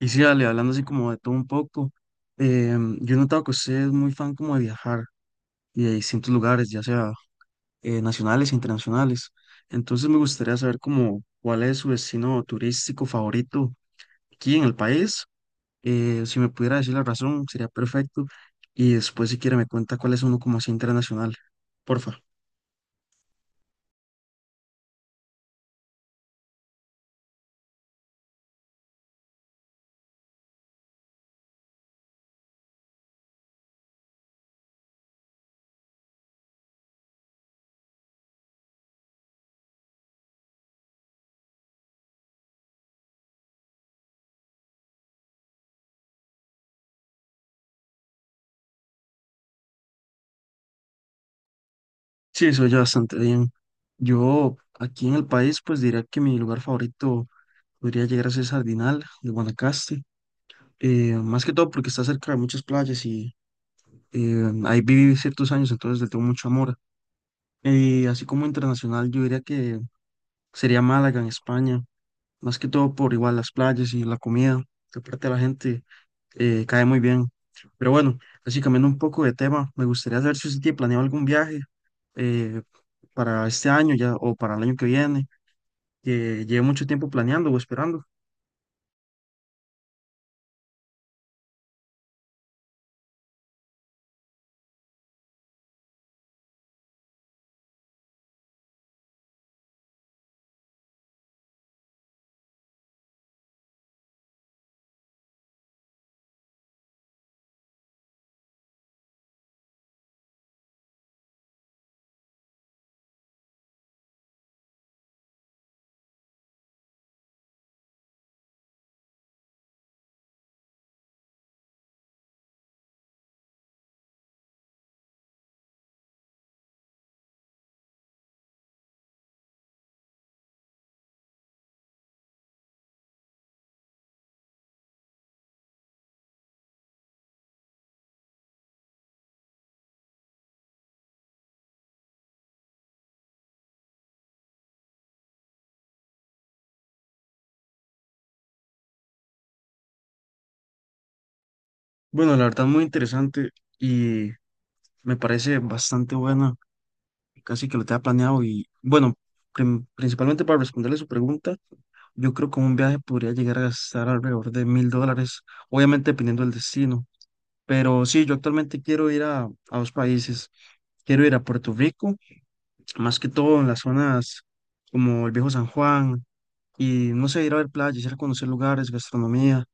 Y sí, Ale, hablando así como de todo un poco, yo he notado que usted es muy fan como de viajar y de distintos lugares, ya sea nacionales e internacionales. Entonces me gustaría saber como cuál es su destino turístico favorito aquí en el país. Si me pudiera decir la razón, sería perfecto. Y después si quiere me cuenta cuál es uno como así internacional. Porfa. Sí, eso ya bastante bien. Yo aquí en el país pues diría que mi lugar favorito podría llegar a ser Sardinal de Guanacaste, más que todo porque está cerca de muchas playas y ahí viví ciertos años, entonces le tengo mucho amor. Y así como internacional, yo diría que sería Málaga en España, más que todo por igual las playas y la comida, que aparte la gente cae muy bien. Pero bueno, así cambiando un poco de tema, me gustaría saber si usted tiene planeado algún viaje eh, para este año ya o para el año que viene, que lleve mucho tiempo planeando o esperando. Bueno, la verdad muy interesante y me parece bastante buena. Casi que lo tenía planeado y bueno, principalmente para responderle su pregunta, yo creo que un viaje podría llegar a gastar alrededor de $1,000, obviamente dependiendo del destino. Pero sí, yo actualmente quiero ir a dos países. Quiero ir a Puerto Rico, más que todo en las zonas como el Viejo San Juan, y no sé, ir a ver playas, ir a conocer lugares, gastronomía,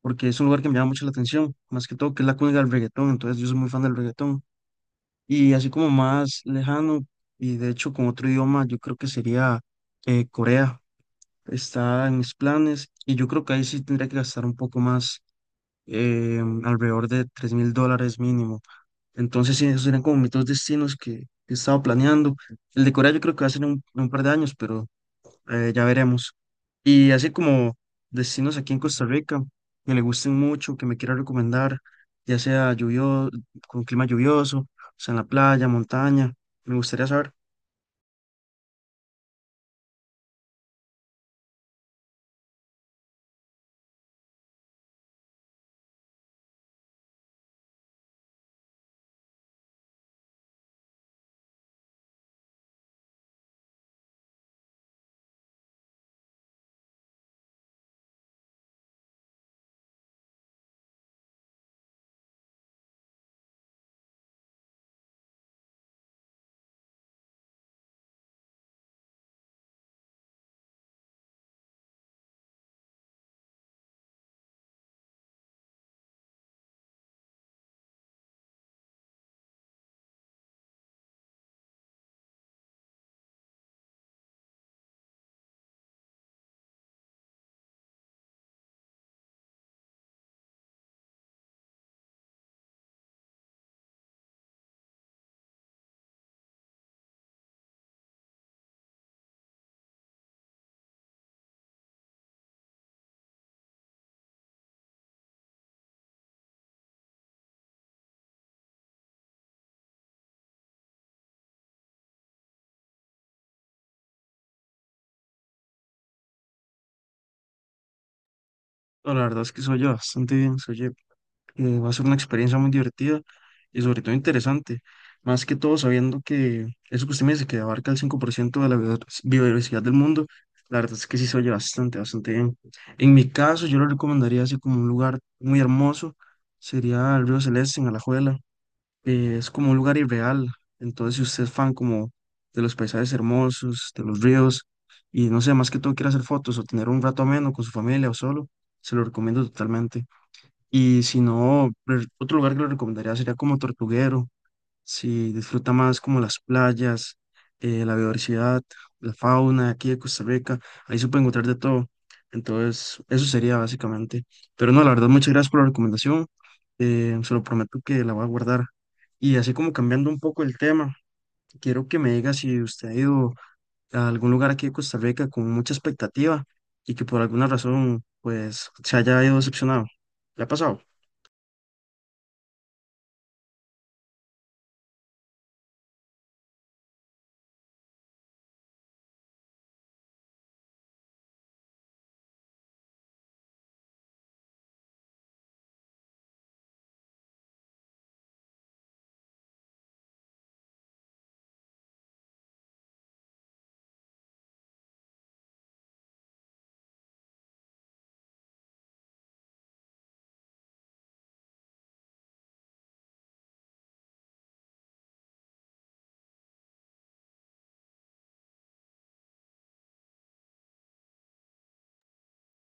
porque es un lugar que me llama mucho la atención, más que todo que es la cuna del reggaetón, entonces yo soy muy fan del reggaetón. Y así como más lejano, y de hecho con otro idioma, yo creo que sería Corea. Está en mis planes y yo creo que ahí sí tendría que gastar un poco más, alrededor de $3,000 mínimo. Entonces, sí, esos serían como mis dos destinos que estaba planeando. El de Corea yo creo que va a ser en un par de años, pero ya veremos. Y así como destinos aquí en Costa Rica que le gusten mucho, que me quiera recomendar, ya sea lluvioso, con clima lluvioso, o sea, en la playa, montaña, me gustaría saber. No, la verdad es que soy yo bastante bien, soy va a ser una experiencia muy divertida y sobre todo interesante, más que todo sabiendo que eso que usted me dice, que abarca el 5% de la biodiversidad del mundo, la verdad es que sí se oye bastante, bastante bien. En mi caso, yo lo recomendaría así como un lugar muy hermoso, sería el Río Celeste en Alajuela. Es como un lugar irreal, entonces si usted es fan como de los paisajes hermosos, de los ríos, y no sé, más que todo quiere hacer fotos o tener un rato ameno con su familia o solo, se lo recomiendo totalmente. Y si no, otro lugar que le recomendaría sería como Tortuguero, si disfruta más como las playas, la biodiversidad, la fauna aquí de Costa Rica, ahí se puede encontrar de todo. Entonces, eso sería básicamente. Pero no, la verdad, muchas gracias por la recomendación. Se lo prometo que la voy a guardar. Y así como cambiando un poco el tema, quiero que me diga si usted ha ido a algún lugar aquí de Costa Rica con mucha expectativa y que por alguna razón, pues, se haya ido decepcionado. ¿Le ha pasado?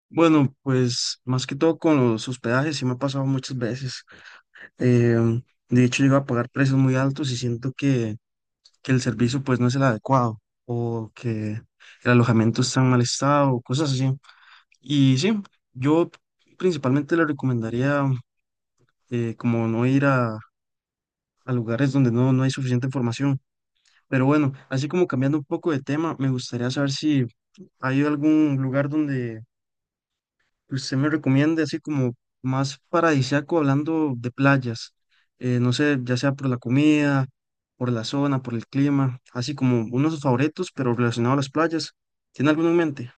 Bueno, pues más que todo con los hospedajes, sí me ha pasado muchas veces. Eh, de hecho, llego a pagar precios muy altos y siento que el servicio pues no es el adecuado o que el alojamiento está en mal estado o cosas así. Y sí, yo principalmente le recomendaría como no ir a lugares donde no, no hay suficiente información. Pero bueno, así como cambiando un poco de tema, me gustaría saber si hay algún lugar donde usted me recomienda así como más paradisíaco hablando de playas, no sé, ya sea por la comida, por la zona, por el clima, así como unos favoritos, pero relacionado a las playas. ¿Tiene alguno en mente?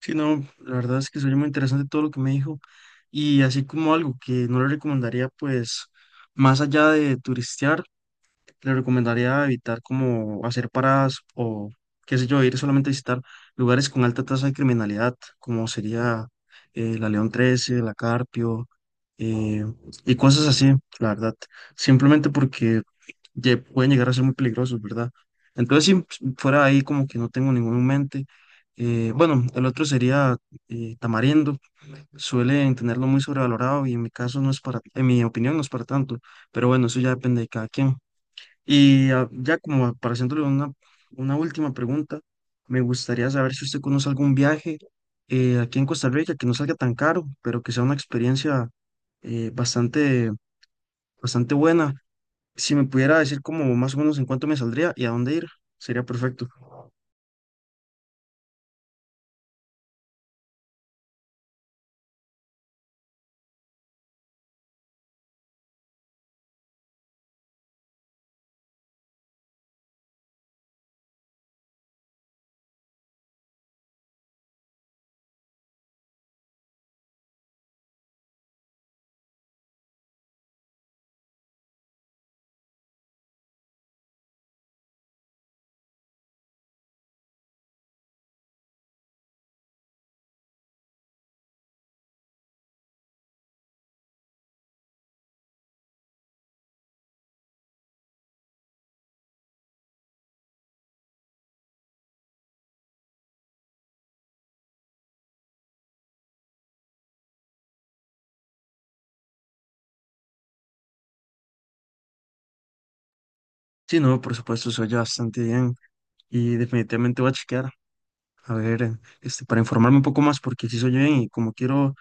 Sí, no, la verdad es que soy muy interesante todo lo que me dijo y así como algo que no le recomendaría pues más allá de turistear. Le recomendaría evitar como hacer paradas o, qué sé yo, ir solamente a visitar lugares con alta tasa de criminalidad, como sería la León XIII, la Carpio, eh, y cosas así, la verdad. Simplemente porque pueden llegar a ser muy peligrosos, ¿verdad? Entonces, si fuera ahí, como que no tengo ninguno en mente. Bueno, el otro sería Tamarindo. Suelen tenerlo muy sobrevalorado y en mi caso no es para, en mi opinión no es para tanto, pero bueno, eso ya depende de cada quien. Y ah, ya como para haciéndole una última pregunta, me gustaría saber si usted conoce algún viaje aquí en Costa Rica que no salga tan caro, pero que sea una experiencia bastante, bastante buena. Si me pudiera decir como más o menos en cuánto me saldría y a dónde ir, sería perfecto. Sí, no, por supuesto, se oye bastante bien y definitivamente voy a chequear, a ver, para informarme un poco más, porque sí se oye bien y como quiero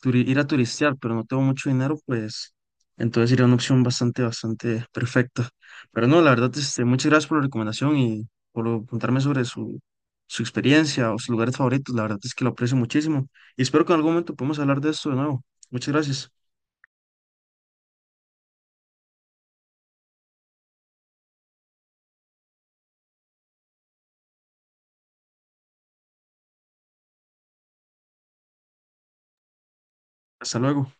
ir a turistear, pero no tengo mucho dinero, pues entonces sería una opción bastante, bastante perfecta. Pero no, la verdad, muchas gracias por la recomendación y por contarme sobre su experiencia o sus lugares favoritos. La verdad es que lo aprecio muchísimo y espero que en algún momento podamos hablar de esto de nuevo. Muchas gracias. Hasta luego.